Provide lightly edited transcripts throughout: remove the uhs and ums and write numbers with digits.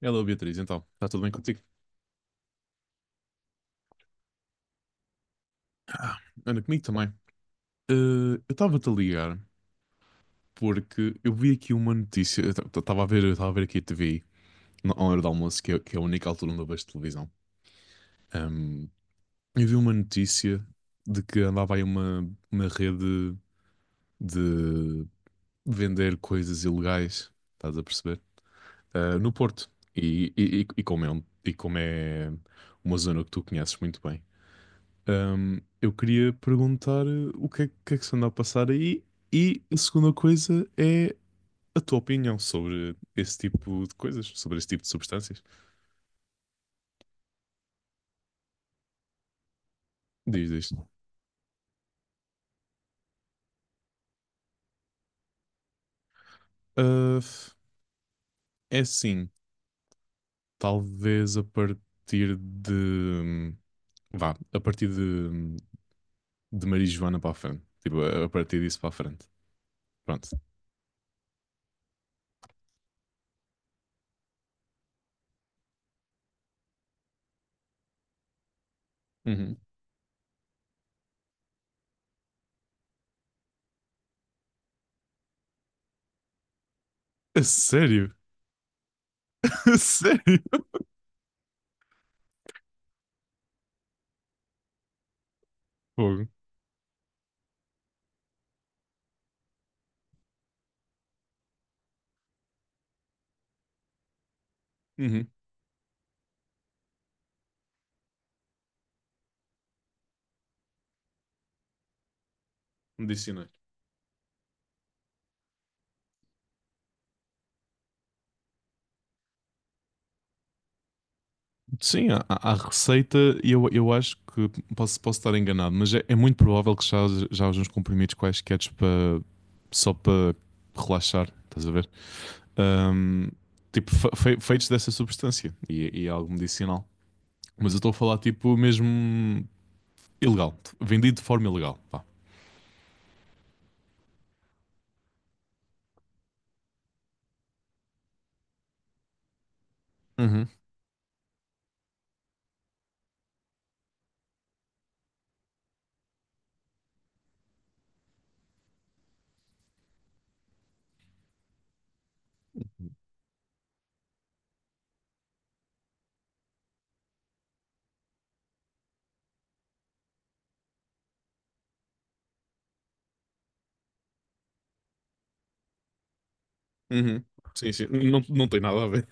Hello Beatriz, então, está tudo bem contigo? Anda comigo também. Eh, eu estava-te a ligar porque eu vi aqui uma notícia, eu estava a ver aqui a TV na hora do almoço, que é a única altura onde eu vejo televisão. Ahm, eu vi uma notícia de que andava aí uma rede de vender coisas ilegais, estás a perceber? No Porto. E como é uma zona que tu conheces muito bem. Eu queria perguntar o que é que se anda a passar aí e a segunda coisa é a tua opinião sobre esse tipo de coisas, sobre esse tipo de substâncias. Diz isto. É assim, talvez a partir de... vá, a partir de marijuana para a frente. Tipo, a partir disso para a frente. Pronto. Uhum. A sério? A sério? Fogo. Uhum. Medicinais. Sim, a receita, eu acho que posso estar enganado, mas é muito provável que já haja uns comprimidos quaisquer para só para relaxar, estás a ver? Ahm, tipo, feitos dessa substância e é algo medicinal. Mas eu estou a falar, tipo, mesmo ilegal, vendido de forma ilegal. Pá. Uhum. Uhum. Sim, sim. Não, não tem nada a ver.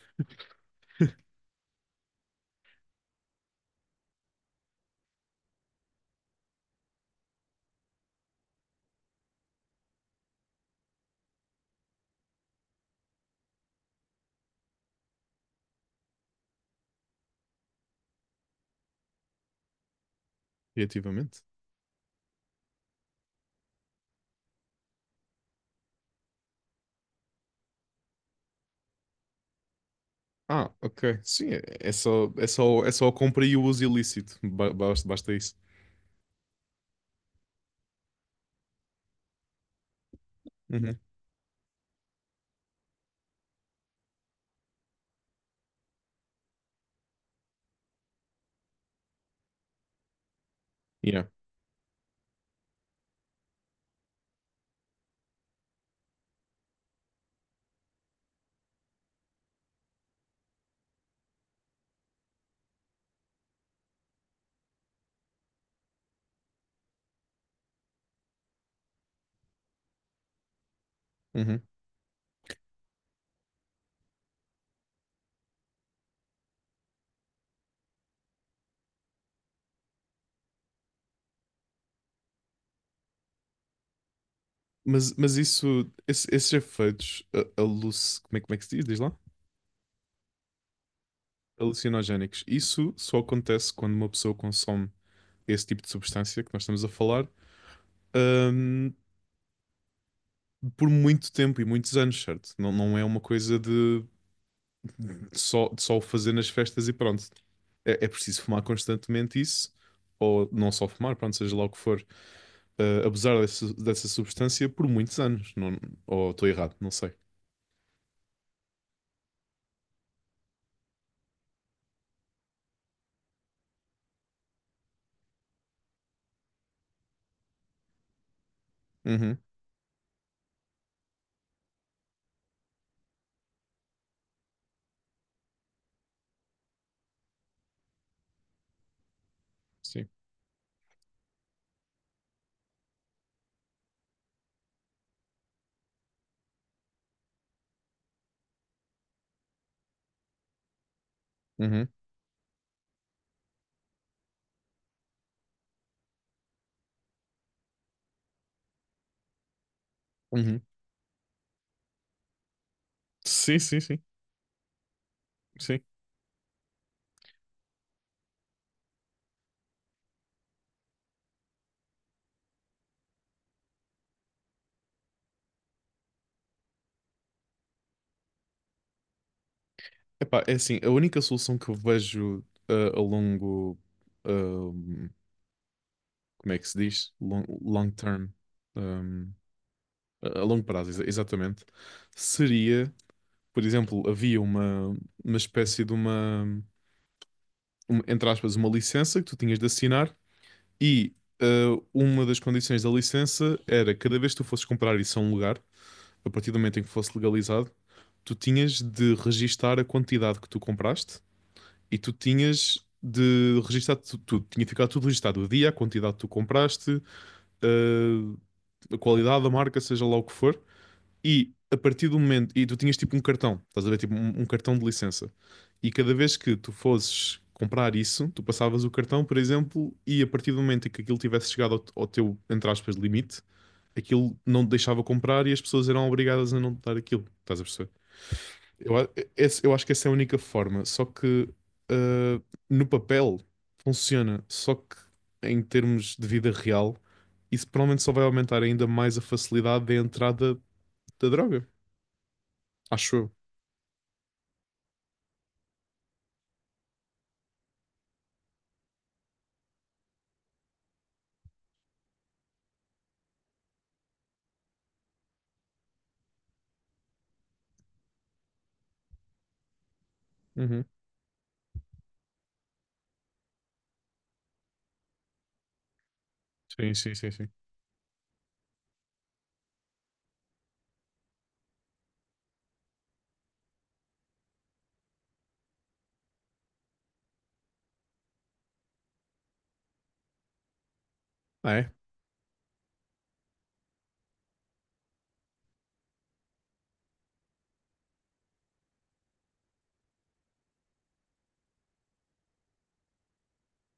Criativamente. Ah, ok. Sim, é só a compra e o uso ilícito. Basta isso. Uhum. Yeah. Uhum. Mas isso, esses efeitos como é que se diz? Diz lá? Alucinogénicos. Isso só acontece quando uma pessoa consome esse tipo de substância que nós estamos a falar, hum, por muito tempo e muitos anos, certo? Não, não é uma coisa de só o fazer nas festas e pronto. É preciso fumar constantemente isso, ou não só fumar, pronto, seja lá o que for, abusar dessa substância por muitos anos. Não, ou estou errado, não sei. Uhum, sim. Uhum, uhum. Sim, sim, sim, sim. Epá, é assim, a única solução que eu vejo a longo, ahm, como é que se diz? Long term, ahm, a longo prazo, exatamente, seria, por exemplo, havia uma espécie de entre aspas, uma licença que tu tinhas de assinar e uma das condições da licença era cada vez que tu fosses comprar isso a um lugar, a partir do momento em que fosse legalizado, tu tinhas de registar a quantidade que tu compraste e tu tinhas de registar tudo. Tinha que ficar tudo registado. O dia, a quantidade que tu compraste, eh, a qualidade, a marca, seja lá o que for. E a partir do momento. E tu tinhas tipo um cartão, estás a ver? Tipo um, um cartão de licença. E cada vez que tu fosses comprar isso, tu passavas o cartão, por exemplo, e a partir do momento em que aquilo tivesse chegado ao, ao teu, entre aspas, limite, aquilo não te deixava comprar e as pessoas eram obrigadas a não te dar aquilo. Estás a perceber? Eu, a- eu acho que essa é a única forma. Só que ah, no papel funciona. Só que em termos de vida real, isso provavelmente só vai aumentar ainda mais a facilidade de entrada da droga. Acho eu. Uhum. Sim, sim, sim, sim. Ah, é?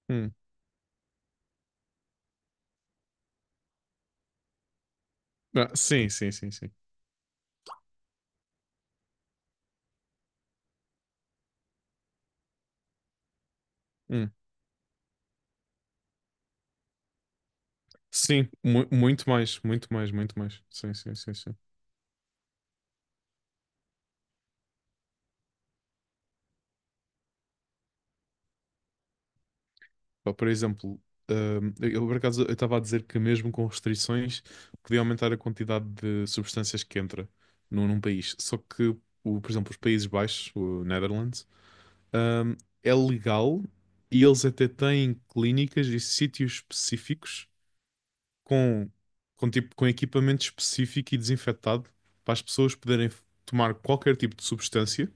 Hum. Ah, sim, sim, sim, sim. Hum. Sim, muito mais, muito mais, muito mais. Sim, sim, sim, sim. Pá, por exemplo, eu por acaso eu estava a dizer que mesmo com restrições podia aumentar a quantidade de substâncias que entra num país. Só que, por exemplo, os Países Baixos, o Netherlands, hum, é legal e eles até têm clínicas e sítios específicos com, tipo, com equipamento específico e desinfetado para as pessoas poderem tomar qualquer tipo de substância,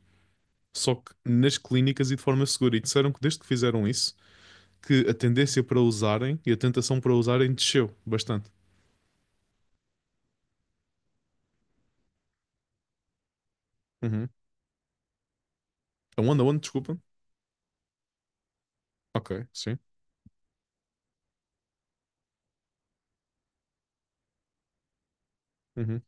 só que nas clínicas e de forma segura. E disseram que desde que fizeram isso que a tendência para usarem e a tentação para usarem desceu bastante. Uhum. A onda One, desculpa. Ok, sim. Uhum.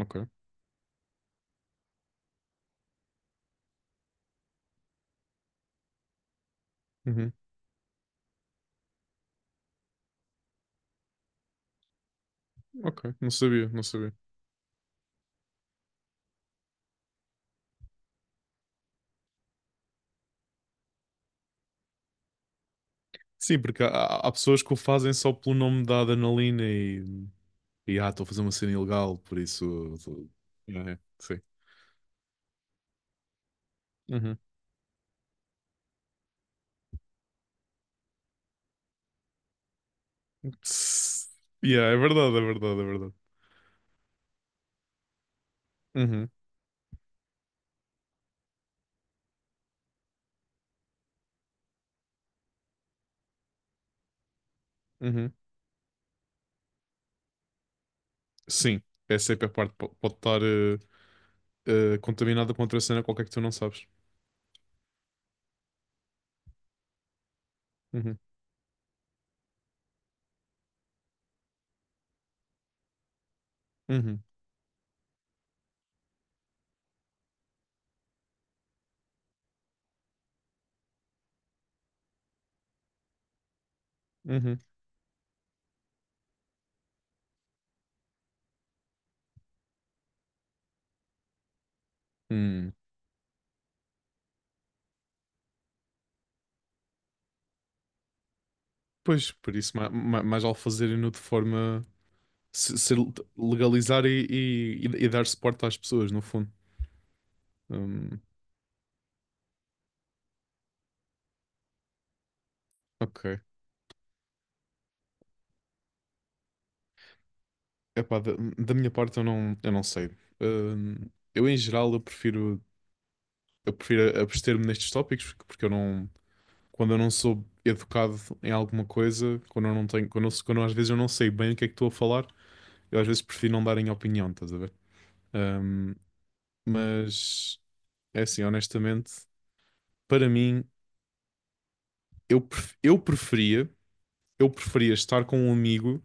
Ok. Uhum. Ok. Não sabia, não sabia. Sim, porque há, há há pessoas que o fazem só pelo nome da adrenalina e estou a fazer uma cena ilegal, por isso. tô- É, sim. Uhum. Tss. Yeah, é verdade, é verdade, é verdade. Uhum. Uhum. Sim, essa é que a parte pode estar contaminada com outra cena qualquer que tu não sabes. Uhum. Uhum. Uhum. Hum. Pois, por isso, mais, vale fazerem-no de forma. Se legalizar e dar suporte às pessoas, no fundo. Hum, ok. Epá, da minha parte, eu não sei. Hum, em geral, eu prefiro abster-me nestes tópicos, porque eu não. Quando eu não sou educado em alguma coisa, quando eu não tenho. Às vezes eu não sei bem o que é que estou a falar, eu às vezes prefiro não dar em opinião, estás a ver? Hum, mas, é assim, honestamente, para mim. eu, pref- eu preferia, eu preferia estar com um amigo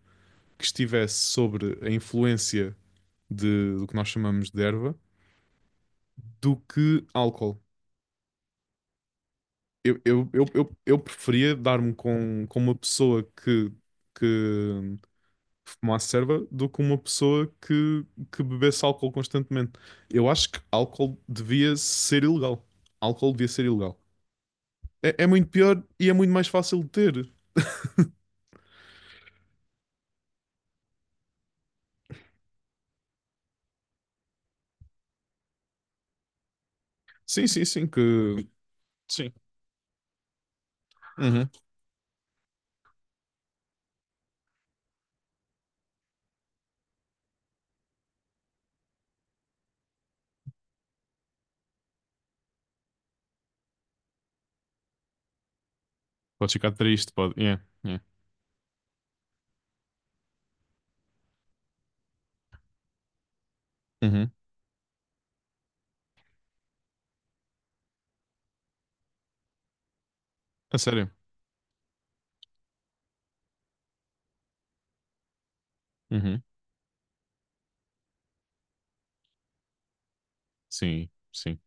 que estivesse sobre a influência do que nós chamamos de erva do que álcool. Eu preferia dar-me com uma pessoa que fumasse erva do que uma pessoa que bebesse álcool constantemente. Eu acho que álcool devia ser ilegal. Álcool devia ser ilegal. É, é muito pior e é muito mais fácil de ter. Sim, sim, sim, Sim. Uhum. Pode ficar triste, pode. Yeah, yeah. Uhum. A sério? Uhum. Sim, sim,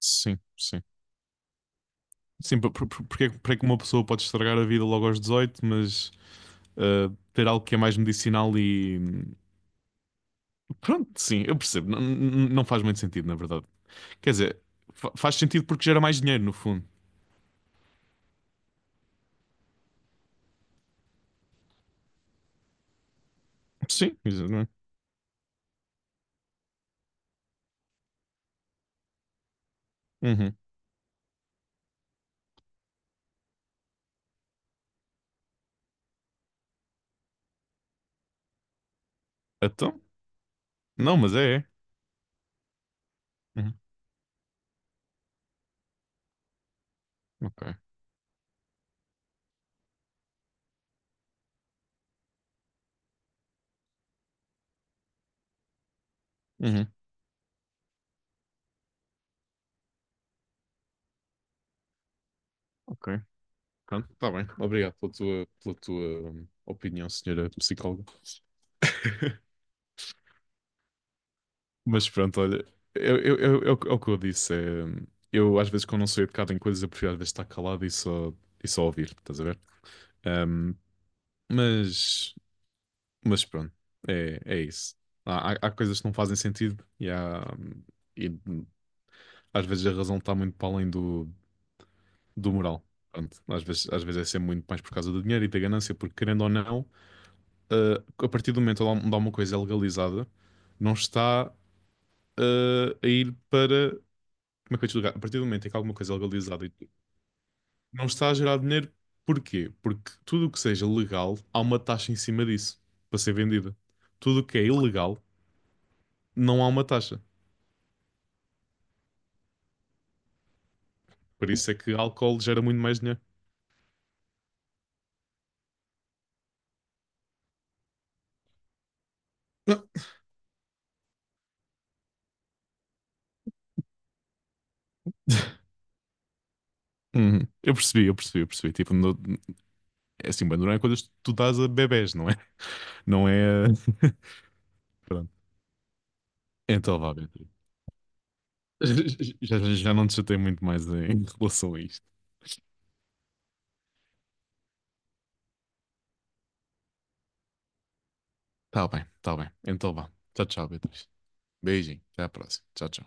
sim, sim. Sim, porque é que uma pessoa pode estragar a vida logo aos 18, mas ter algo que é mais medicinal e. Pronto, sim, eu percebo. Não, não faz muito sentido, na verdade. Quer dizer, faz sentido porque gera mais dinheiro, no fundo. Sim, exatamente. Uhum. Então? Não, mas é. Uhum. Ok. Uhum. Ok. Pronto, está bem. Obrigado pela tua opinião, senhora psicóloga. Mas pronto, olha, eu, eu, é o que eu disse. Eu às vezes quando não sou educado em coisas, eu prefiro às vezes estar calado e só ouvir, estás a ver? Ahm, mas, mas pronto, é isso. Há coisas que não fazem sentido e às vezes a razão está muito para além do, do moral. Pronto, às vezes é sempre muito mais por causa do dinheiro e da ganância, porque querendo ou não, a partir do momento onde há uma coisa é legalizada, não está a ir para como é que eu te explicar? A partir do momento em que alguma coisa é legalizada e tu não está a gerar dinheiro, porquê? Porque tudo o que seja legal, há uma taxa em cima disso para ser vendida. Tudo o que é ilegal, não há uma taxa. Por isso é que álcool gera muito mais dinheiro. Uhum. Eu percebi, eu percebi, eu percebi. Tipo, é assim, Bandurão é coisas que tu dás a bebés, não é? Não é. Pronto. Então vá, Beatriz. Já não te chatei muito mais em relação a isto. Tá bem, tá bem. Então vá. Tchau, tchau, Beatriz. Beijinho. Até à próxima. Tchau, tchau.